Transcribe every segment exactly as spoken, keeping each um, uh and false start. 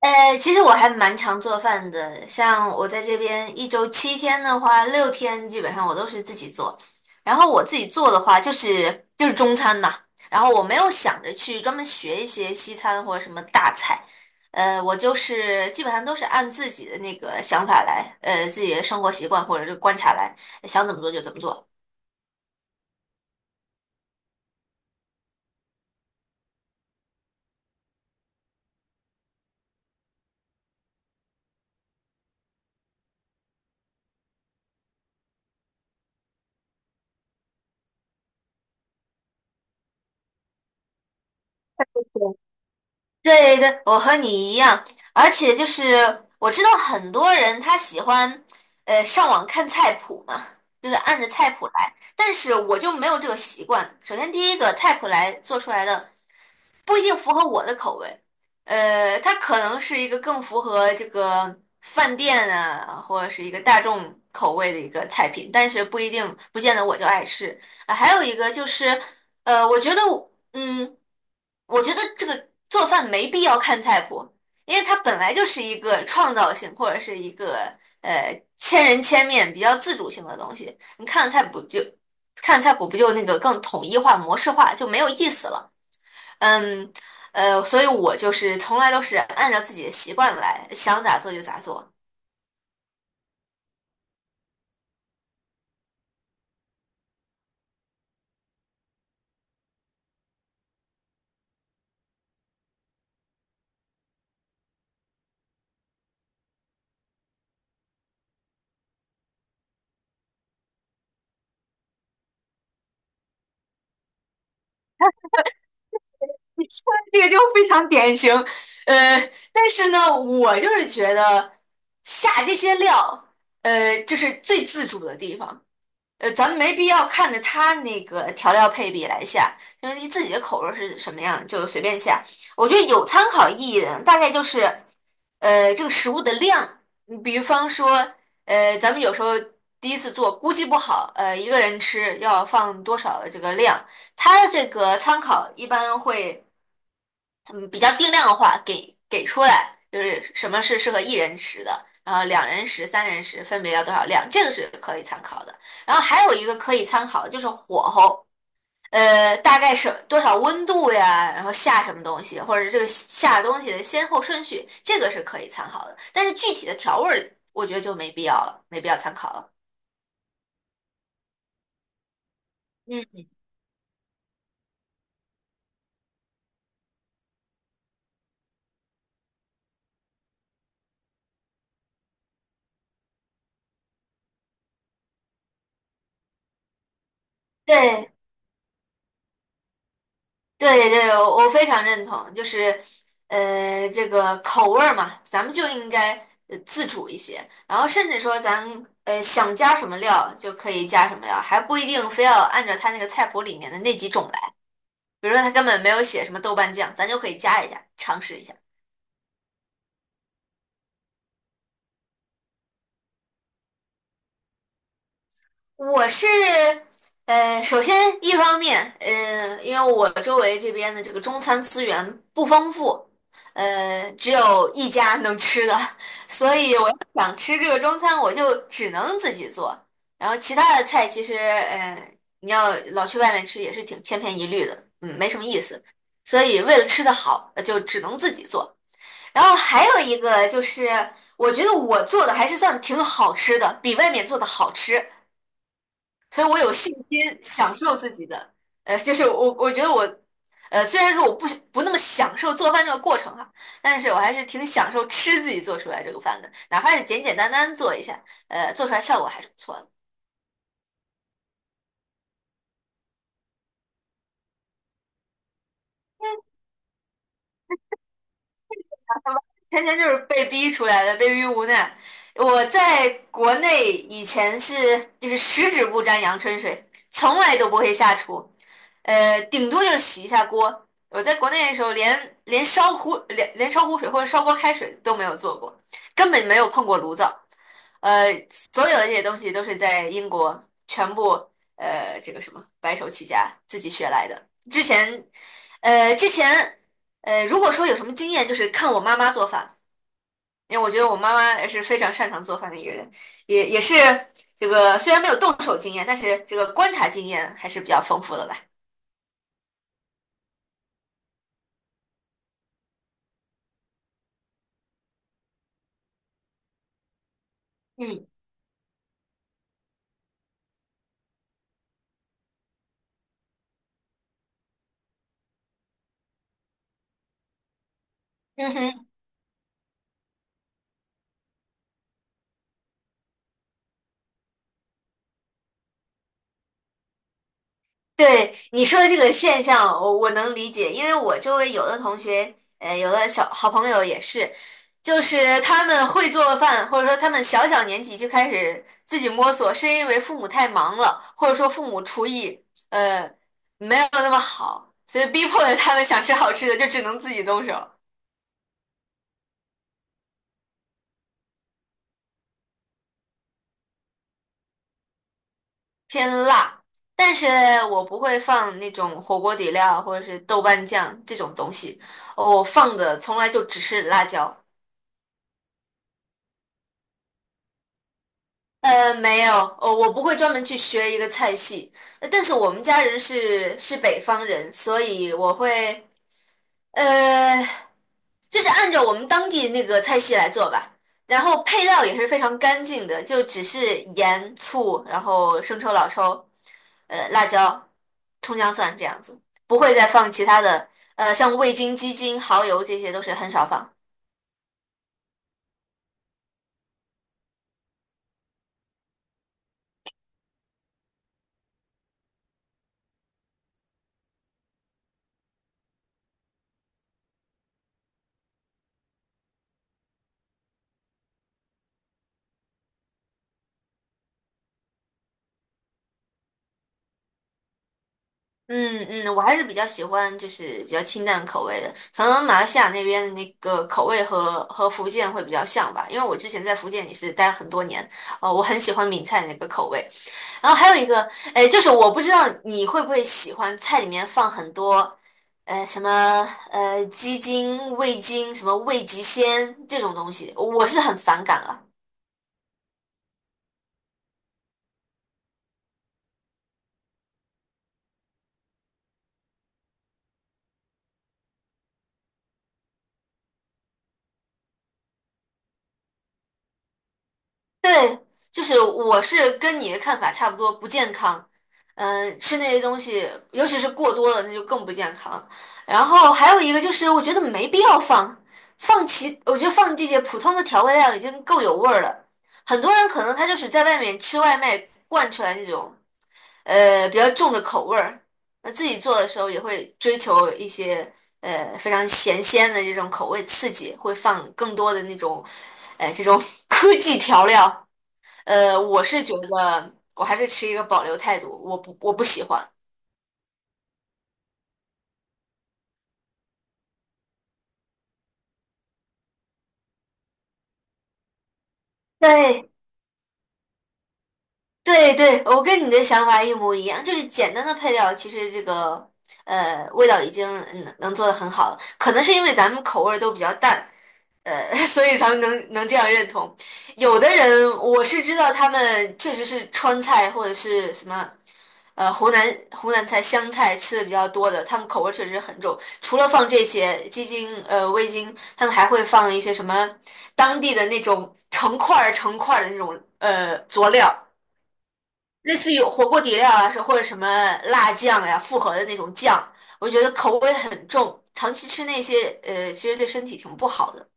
呃，其实我还蛮常做饭的，像我在这边一周七天的话，六天基本上我都是自己做。然后我自己做的话，就是就是中餐嘛。然后我没有想着去专门学一些西餐或者什么大菜，呃，我就是基本上都是按自己的那个想法来，呃，自己的生活习惯或者是观察来，想怎么做就怎么做。对对，我和你一样，而且就是我知道很多人他喜欢，呃，上网看菜谱嘛，就是按着菜谱来，但是我就没有这个习惯。首先，第一个菜谱来做出来的不一定符合我的口味，呃，它可能是一个更符合这个饭店啊，或者是一个大众口味的一个菜品，但是不一定不见得我就爱吃。啊，还有一个就是，呃，我觉得我嗯。我觉得这个做饭没必要看菜谱，因为它本来就是一个创造性或者是一个呃千人千面、比较自主性的东西。你看菜谱就看菜谱不就那个更统一化、模式化，就没有意思了。嗯，呃，所以我就是从来都是按照自己的习惯来，想咋做就咋做。你说的这个就非常典型，呃，但是呢，我就是觉得下这些料，呃，就是最自主的地方。呃，咱们没必要看着他那个调料配比来下，因为你自己的口味是什么样就随便下。我觉得有参考意义的大概就是，呃，这个食物的量，你比方说，呃，咱们有时候第一次做估计不好，呃，一个人吃要放多少这个量，它这个参考一般会。嗯，比较定量的话，给给出来，就是什么是适合一人食的，然后两人食、三人食分别要多少量，这个是可以参考的。然后还有一个可以参考的就是火候，呃，大概是多少温度呀，然后下什么东西，或者是这个下东西的先后顺序，这个是可以参考的。但是具体的调味儿，我觉得就没必要了，没必要参考了。嗯，对。对对，我我非常认同，就是，呃，这个口味儿嘛，咱们就应该呃自主一些，然后甚至说咱呃想加什么料就可以加什么料，还不一定非要按照他那个菜谱里面的那几种来，比如说他根本没有写什么豆瓣酱，咱就可以加一下，尝试一下。我是，呃，首先一方面，呃，因为我周围这边的这个中餐资源不丰富，呃，只有一家能吃的，所以我要想吃这个中餐，我就只能自己做。然后其他的菜其实，呃，你要老去外面吃也是挺千篇一律的，嗯，没什么意思。所以为了吃的好，呃就只能自己做。然后还有一个就是，我觉得我做的还是算挺好吃的，比外面做的好吃。所以我有信心享受自己的。呃，就是我我觉得我，呃，虽然说我不不那么享受做饭这个过程哈，但是我还是挺享受吃自己做出来这个饭的，哪怕是简简单单做一下，呃，做出来效果还是不错的。天天就是被逼出来的，被逼无奈。我在国内以前是就是十指不沾阳春水，从来都不会下厨，呃，顶多就是洗一下锅。我在国内的时候连连烧壶连连烧壶水或者烧锅开水都没有做过，根本没有碰过炉灶。呃，所有的这些东西都是在英国全部呃这个什么白手起家自己学来的。之前，呃，之前呃，如果说有什么经验，就是看我妈妈做饭。因为我觉得我妈妈也是非常擅长做饭的一个人，也也是这个虽然没有动手经验，但是这个观察经验还是比较丰富的吧。嗯嗯哼，对你说的这个现象，我我能理解，因为我周围有的同学，呃，有的小好朋友也是，就是他们会做饭，或者说他们小小年纪就开始自己摸索，是因为父母太忙了，或者说父母厨艺呃没有那么好，所以逼迫着他们想吃好吃的，就只能自己动手。偏辣，但是我不会放那种火锅底料或者是豆瓣酱这种东西，我放的从来就只是辣椒。呃，没有，哦，我不会专门去学一个菜系，呃但是我们家人是是北方人，所以我会。呃，就是按照我们当地那个菜系来做吧，然后配料也是非常干净的，就只是盐、醋，然后生抽、老抽，呃，辣椒、葱姜蒜这样子，不会再放其他的，呃，像味精、鸡精、蚝油这些都是很少放。嗯嗯，我还是比较喜欢就是比较清淡口味的，可能马来西亚那边的那个口味和和福建会比较像吧，因为我之前在福建也是待了很多年，呃，我很喜欢闽菜那个口味。然后还有一个，哎，就是我不知道你会不会喜欢菜里面放很多，呃，什么呃鸡精、味精、什么味极鲜这种东西，我是很反感了。对，就是我是跟你的看法差不多，不健康。嗯、吃那些东西，尤其是过多了，那就更不健康。然后还有一个就是，我觉得没必要放，放其，我觉得放这些普通的调味料已经够有味儿了。很多人可能他就是在外面吃外卖惯出来那种。呃比较重的口味儿。那自己做的时候也会追求一些呃非常咸鲜的这种口味刺激，会放更多的那种呃这种 科技调料。呃，我是觉得我还是持一个保留态度，我不我不喜欢。对对对，我跟你的想法一模一样，就是简单的配料，其实这个呃味道已经能能做得很好了，可能是因为咱们口味儿都比较淡，呃，所以咱们能能这样认同。有的人我是知道，他们确实是川菜或者是什么，呃，湖南湖南菜、湘菜吃的比较多的，他们口味确实很重。除了放这些鸡精、呃味精，他们还会放一些什么当地的那种成块儿成块儿的那种呃佐料，类似于火锅底料啊，是或者什么辣酱呀、复合的那种酱，我觉得口味很重，长期吃那些呃，其实对身体挺不好的。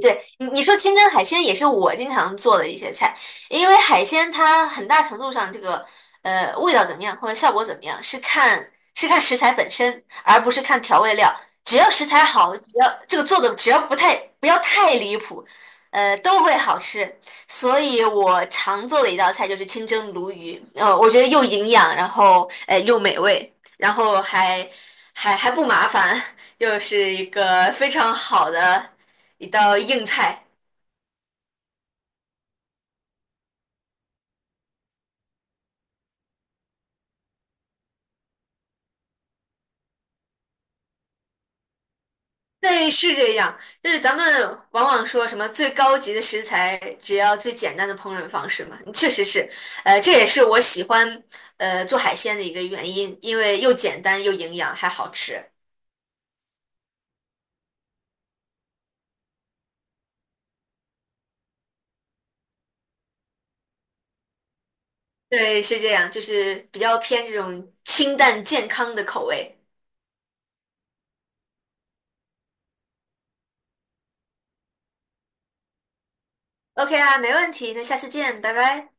对，你你说清蒸海鲜也是我经常做的一些菜，因为海鲜它很大程度上这个呃味道怎么样或者效果怎么样是看是看食材本身，而不是看调味料。只要食材好，只要这个做的只要不太不要太离谱，呃都会好吃。所以我常做的一道菜就是清蒸鲈鱼，呃，我觉得又营养，然后呃又美味，然后还还还不麻烦，又是一个非常好的。一道硬菜。对，是这样。就是咱们往往说什么最高级的食材，只要最简单的烹饪方式嘛，确实是。呃，这也是我喜欢呃做海鲜的一个原因，因为又简单又营养还好吃。对，是这样，就是比较偏这种清淡健康的口味。OK 啊，没问题，那下次见，拜拜。